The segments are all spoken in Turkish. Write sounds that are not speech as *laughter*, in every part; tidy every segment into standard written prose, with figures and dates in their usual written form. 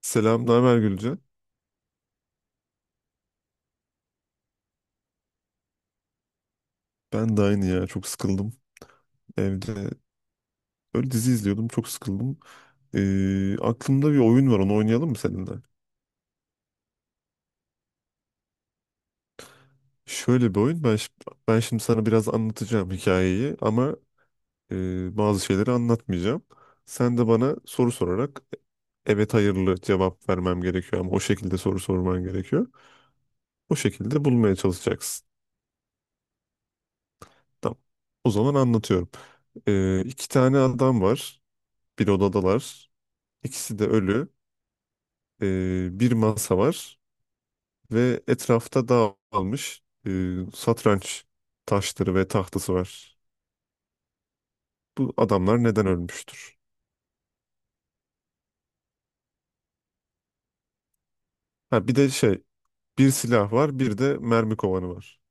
Selam, ne haber Gülce? Ben de aynı ya, çok sıkıldım evde. Böyle dizi izliyordum, çok sıkıldım. Aklımda bir oyun var, onu oynayalım mı seninle? Şöyle bir oyun, ben, şi- ben şimdi sana biraz anlatacağım hikayeyi ama bazı şeyleri anlatmayacağım. Sen de bana soru sorarak evet hayırlı cevap vermem gerekiyor ama o şekilde soru sorman gerekiyor. O şekilde bulmaya çalışacaksın. Tamam. O zaman anlatıyorum. İki tane adam var, bir odadalar. İkisi de ölü. Bir masa var ve etrafta dağılmış satranç taşları ve tahtası var. Bu adamlar neden ölmüştür? Ha, bir de şey, bir silah var bir de mermi kovanı var.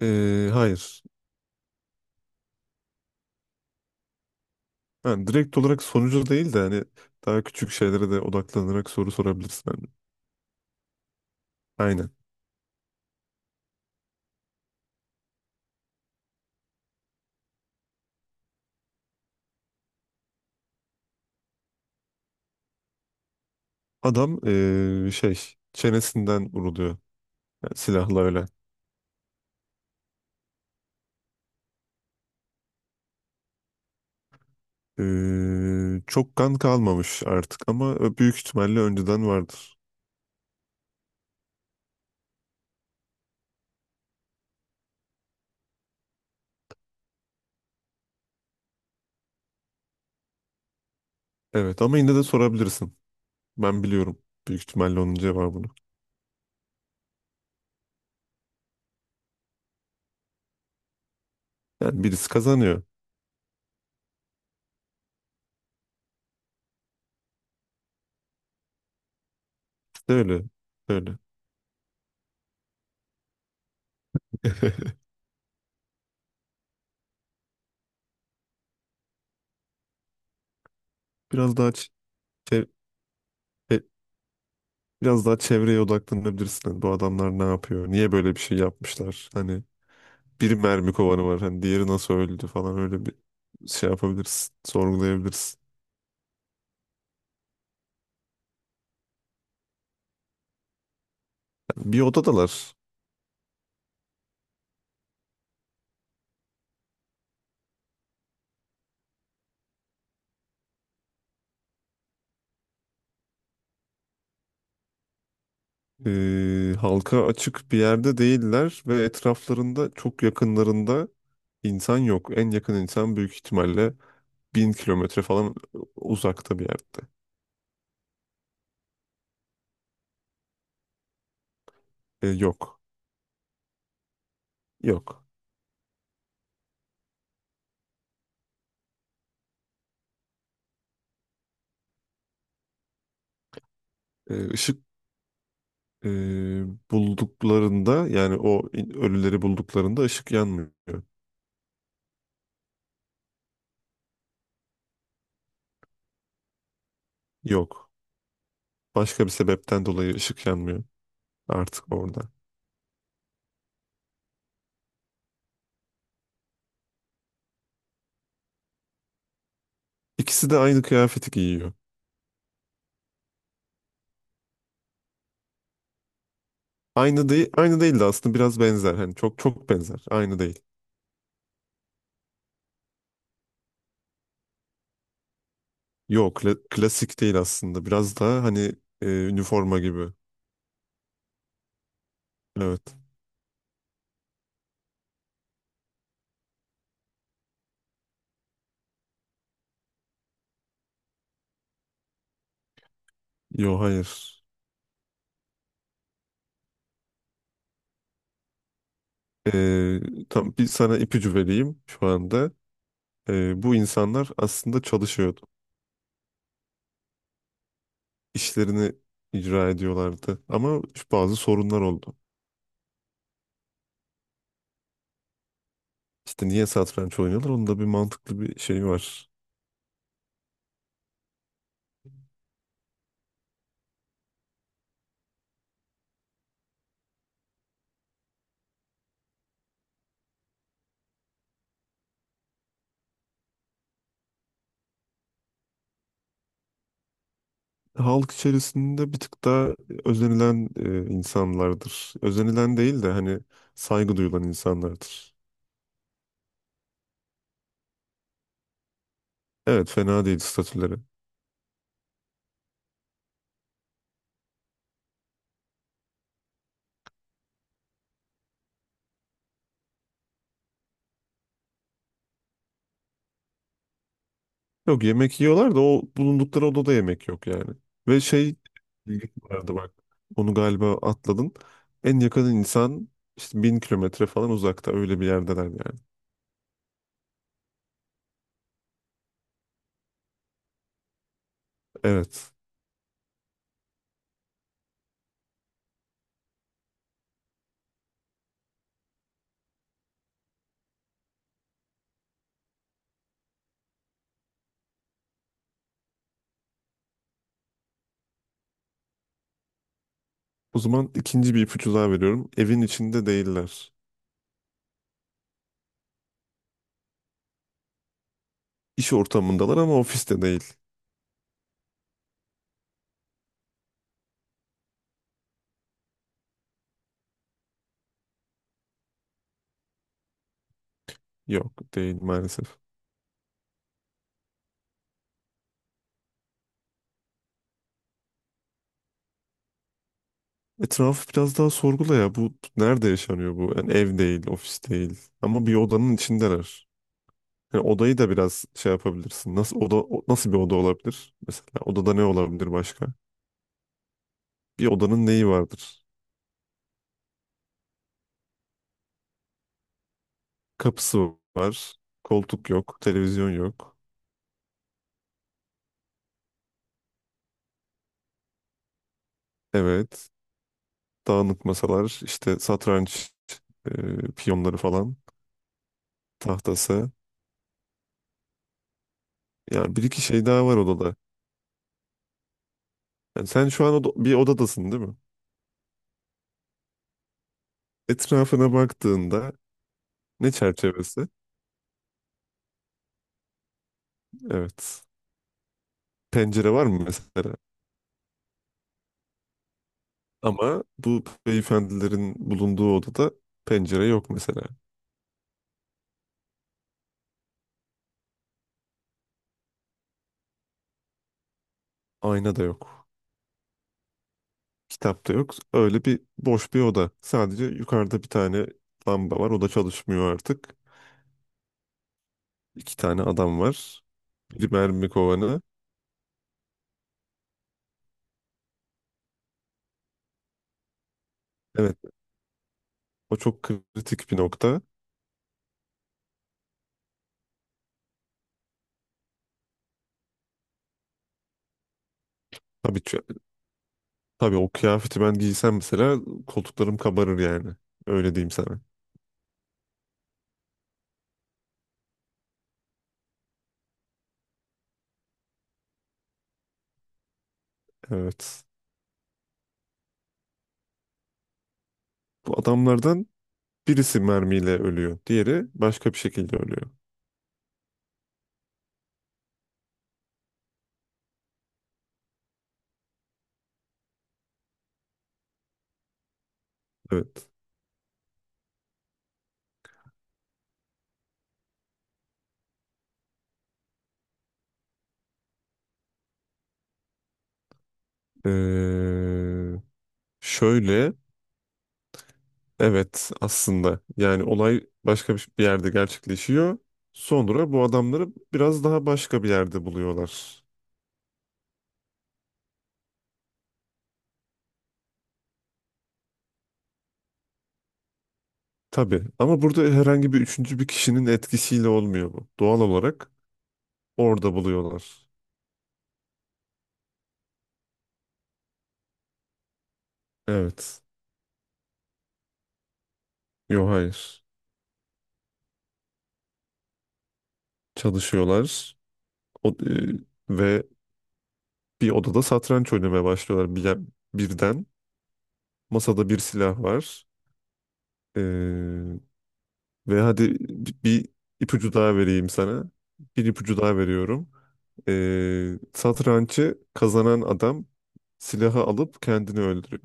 Hayır. Yani direkt olarak sonucu değil de hani daha küçük şeylere de odaklanarak soru sorabilirsin. Yani. Aynen. Adam çenesinden vuruluyor yani silahla öyle. Çok kan kalmamış artık ama büyük ihtimalle önceden vardır. Evet ama yine de sorabilirsin. Ben biliyorum büyük ihtimalle onun cevabını. Yani birisi kazanıyor. İşte öyle. Öyle. *laughs* Biraz daha ç- çe- e, Biraz daha çevreye odaklanabilirsin. Hani bu adamlar ne yapıyor? Niye böyle bir şey yapmışlar? Hani bir mermi kovanı var. Hani diğeri nasıl öldü falan öyle bir şey yapabilirsin. Sorgulayabilirsin. Yani bir odadalar. Halka açık bir yerde değiller ve etraflarında çok yakınlarında insan yok. En yakın insan büyük ihtimalle 1.000 kilometre falan uzakta bir yerde. Yok. Yok. E, ışık e, Bulduklarında yani ölüleri bulduklarında ışık yanmıyor. Yok. Başka bir sebepten dolayı ışık yanmıyor artık orada. İkisi de aynı kıyafeti giyiyor. Aynı değil, aynı değil de aslında biraz benzer. Hani çok çok benzer. Aynı değil. Yok, klasik değil aslında. Biraz daha hani üniforma gibi. Evet. Yok, hayır. E, tam bir sana ipucu vereyim şu anda. Bu insanlar aslında çalışıyordu. İşlerini icra ediyorlardı. Ama şu bazı sorunlar oldu. İşte niye satranç oynuyorlar? Onun da bir mantıklı bir şeyi var. Halk içerisinde bir tık daha özenilen insanlardır. Özenilen değil de hani saygı duyulan insanlardır. Evet fena değil statüleri. Yok yemek yiyorlar da o bulundukları odada yemek yok yani. Ve şey, ilginç vardı bak. Onu galiba atladın. En yakın insan işte 1.000 kilometre falan uzakta öyle bir yerdeler yani. Evet. O zaman ikinci bir ipucu daha veriyorum. Evin içinde değiller. İş ortamındalar ama ofiste değil. Yok değil maalesef. Etrafı biraz daha sorgula ya. Bu nerede yaşanıyor bu? Yani ev değil, ofis değil. Ama bir odanın içindeler. Hani odayı da biraz şey yapabilirsin. Nasıl nasıl bir oda olabilir? Mesela odada ne olabilir başka? Bir odanın neyi vardır? Kapısı var. Koltuk yok. Televizyon yok. Evet. Dağınık masalar, işte satranç piyonları falan, tahtası. Yani bir iki şey daha var odada. Yani sen şu an bir odadasın değil mi? Etrafına baktığında ne çerçevesi? Evet. Pencere var mı mesela? Ama bu beyefendilerin bulunduğu odada pencere yok mesela. Ayna da yok. Kitap da yok. Öyle bir boş bir oda. Sadece yukarıda bir tane lamba var. O da çalışmıyor artık. İki tane adam var. Bir mermi kovanı. Evet, o çok kritik bir nokta. Tabii, ç- tabii o kıyafeti ben giysem mesela koltuklarım kabarır yani. Öyle diyeyim sana. Evet. Bu adamlardan birisi mermiyle ölüyor. Diğeri başka bir şekilde ölüyor. Evet. Ee, şöyle Evet aslında yani olay başka bir yerde gerçekleşiyor. Sonra bu adamları biraz daha başka bir yerde buluyorlar. Tabii ama burada herhangi bir üçüncü bir kişinin etkisiyle olmuyor bu. Doğal olarak orada buluyorlar. Evet. Yok hayır. Çalışıyorlar. O- e, ve bir odada satranç oynamaya başlıyorlar birden. Masada bir silah var. Ve hadi bir ipucu daha vereyim sana. Bir ipucu daha veriyorum. Satrancı kazanan adam silahı alıp kendini öldürüyor.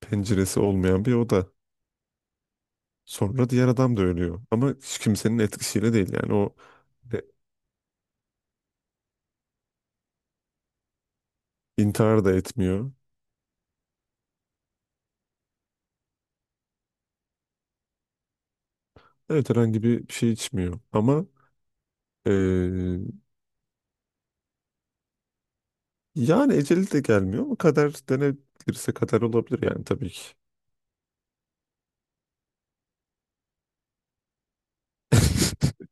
Penceresi olmayan bir oda. Sonra diğer adam da ölüyor. Ama hiç kimsenin etkisiyle değil yani e, intihar da etmiyor. Evet herhangi bir şey içmiyor. Ama e, yani eceli de gelmiyor ama kader denebilirse kader olabilir yani tabii ki. *laughs*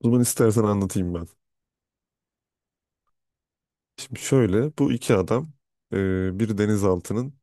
O zaman istersen anlatayım ben. Şimdi şöyle, bu iki adam bir denizaltının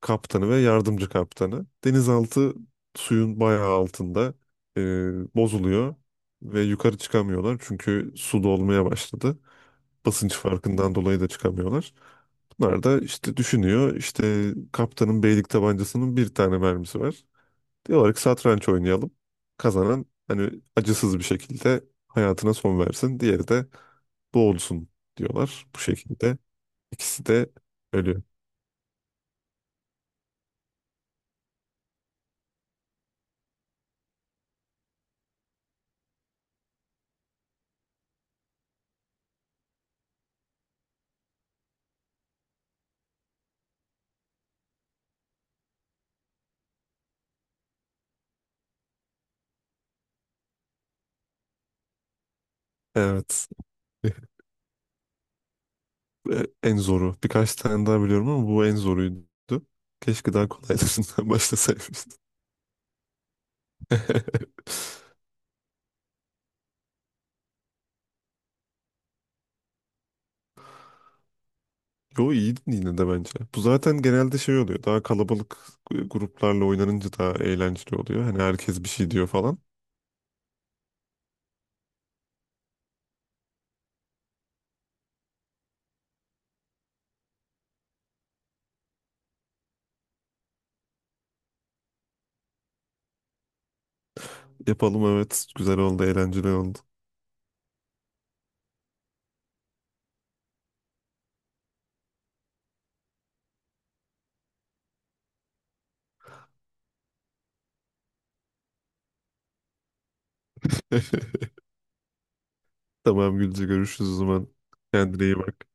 kaptanı ve yardımcı kaptanı. Denizaltı suyun bayağı altında e, bozuluyor ve yukarı çıkamıyorlar çünkü su dolmaya başladı. Basınç farkından dolayı da çıkamıyorlar. Bunlar da işte düşünüyor, işte kaptanın beylik tabancasının bir tane mermisi var. Diyorlar ki satranç oynayalım. Kazanan hani acısız bir şekilde hayatına son versin. Diğeri de boğulsun diyorlar bu şekilde. İkisi de ölü. Evet. *laughs* E, en zoru. Birkaç tane daha biliyorum ama bu en zoruydu. Keşke daha kolaylarından *laughs* başlasaymıştım. *laughs* Yo iyiydin yine de bence. Bu zaten genelde şey oluyor. Daha kalabalık gruplarla oynanınca daha eğlenceli oluyor. Hani herkes bir şey diyor falan. Yapalım evet. Güzel oldu, eğlenceli oldu. *laughs* Tamam Gülce, görüşürüz o zaman. Kendine iyi bak.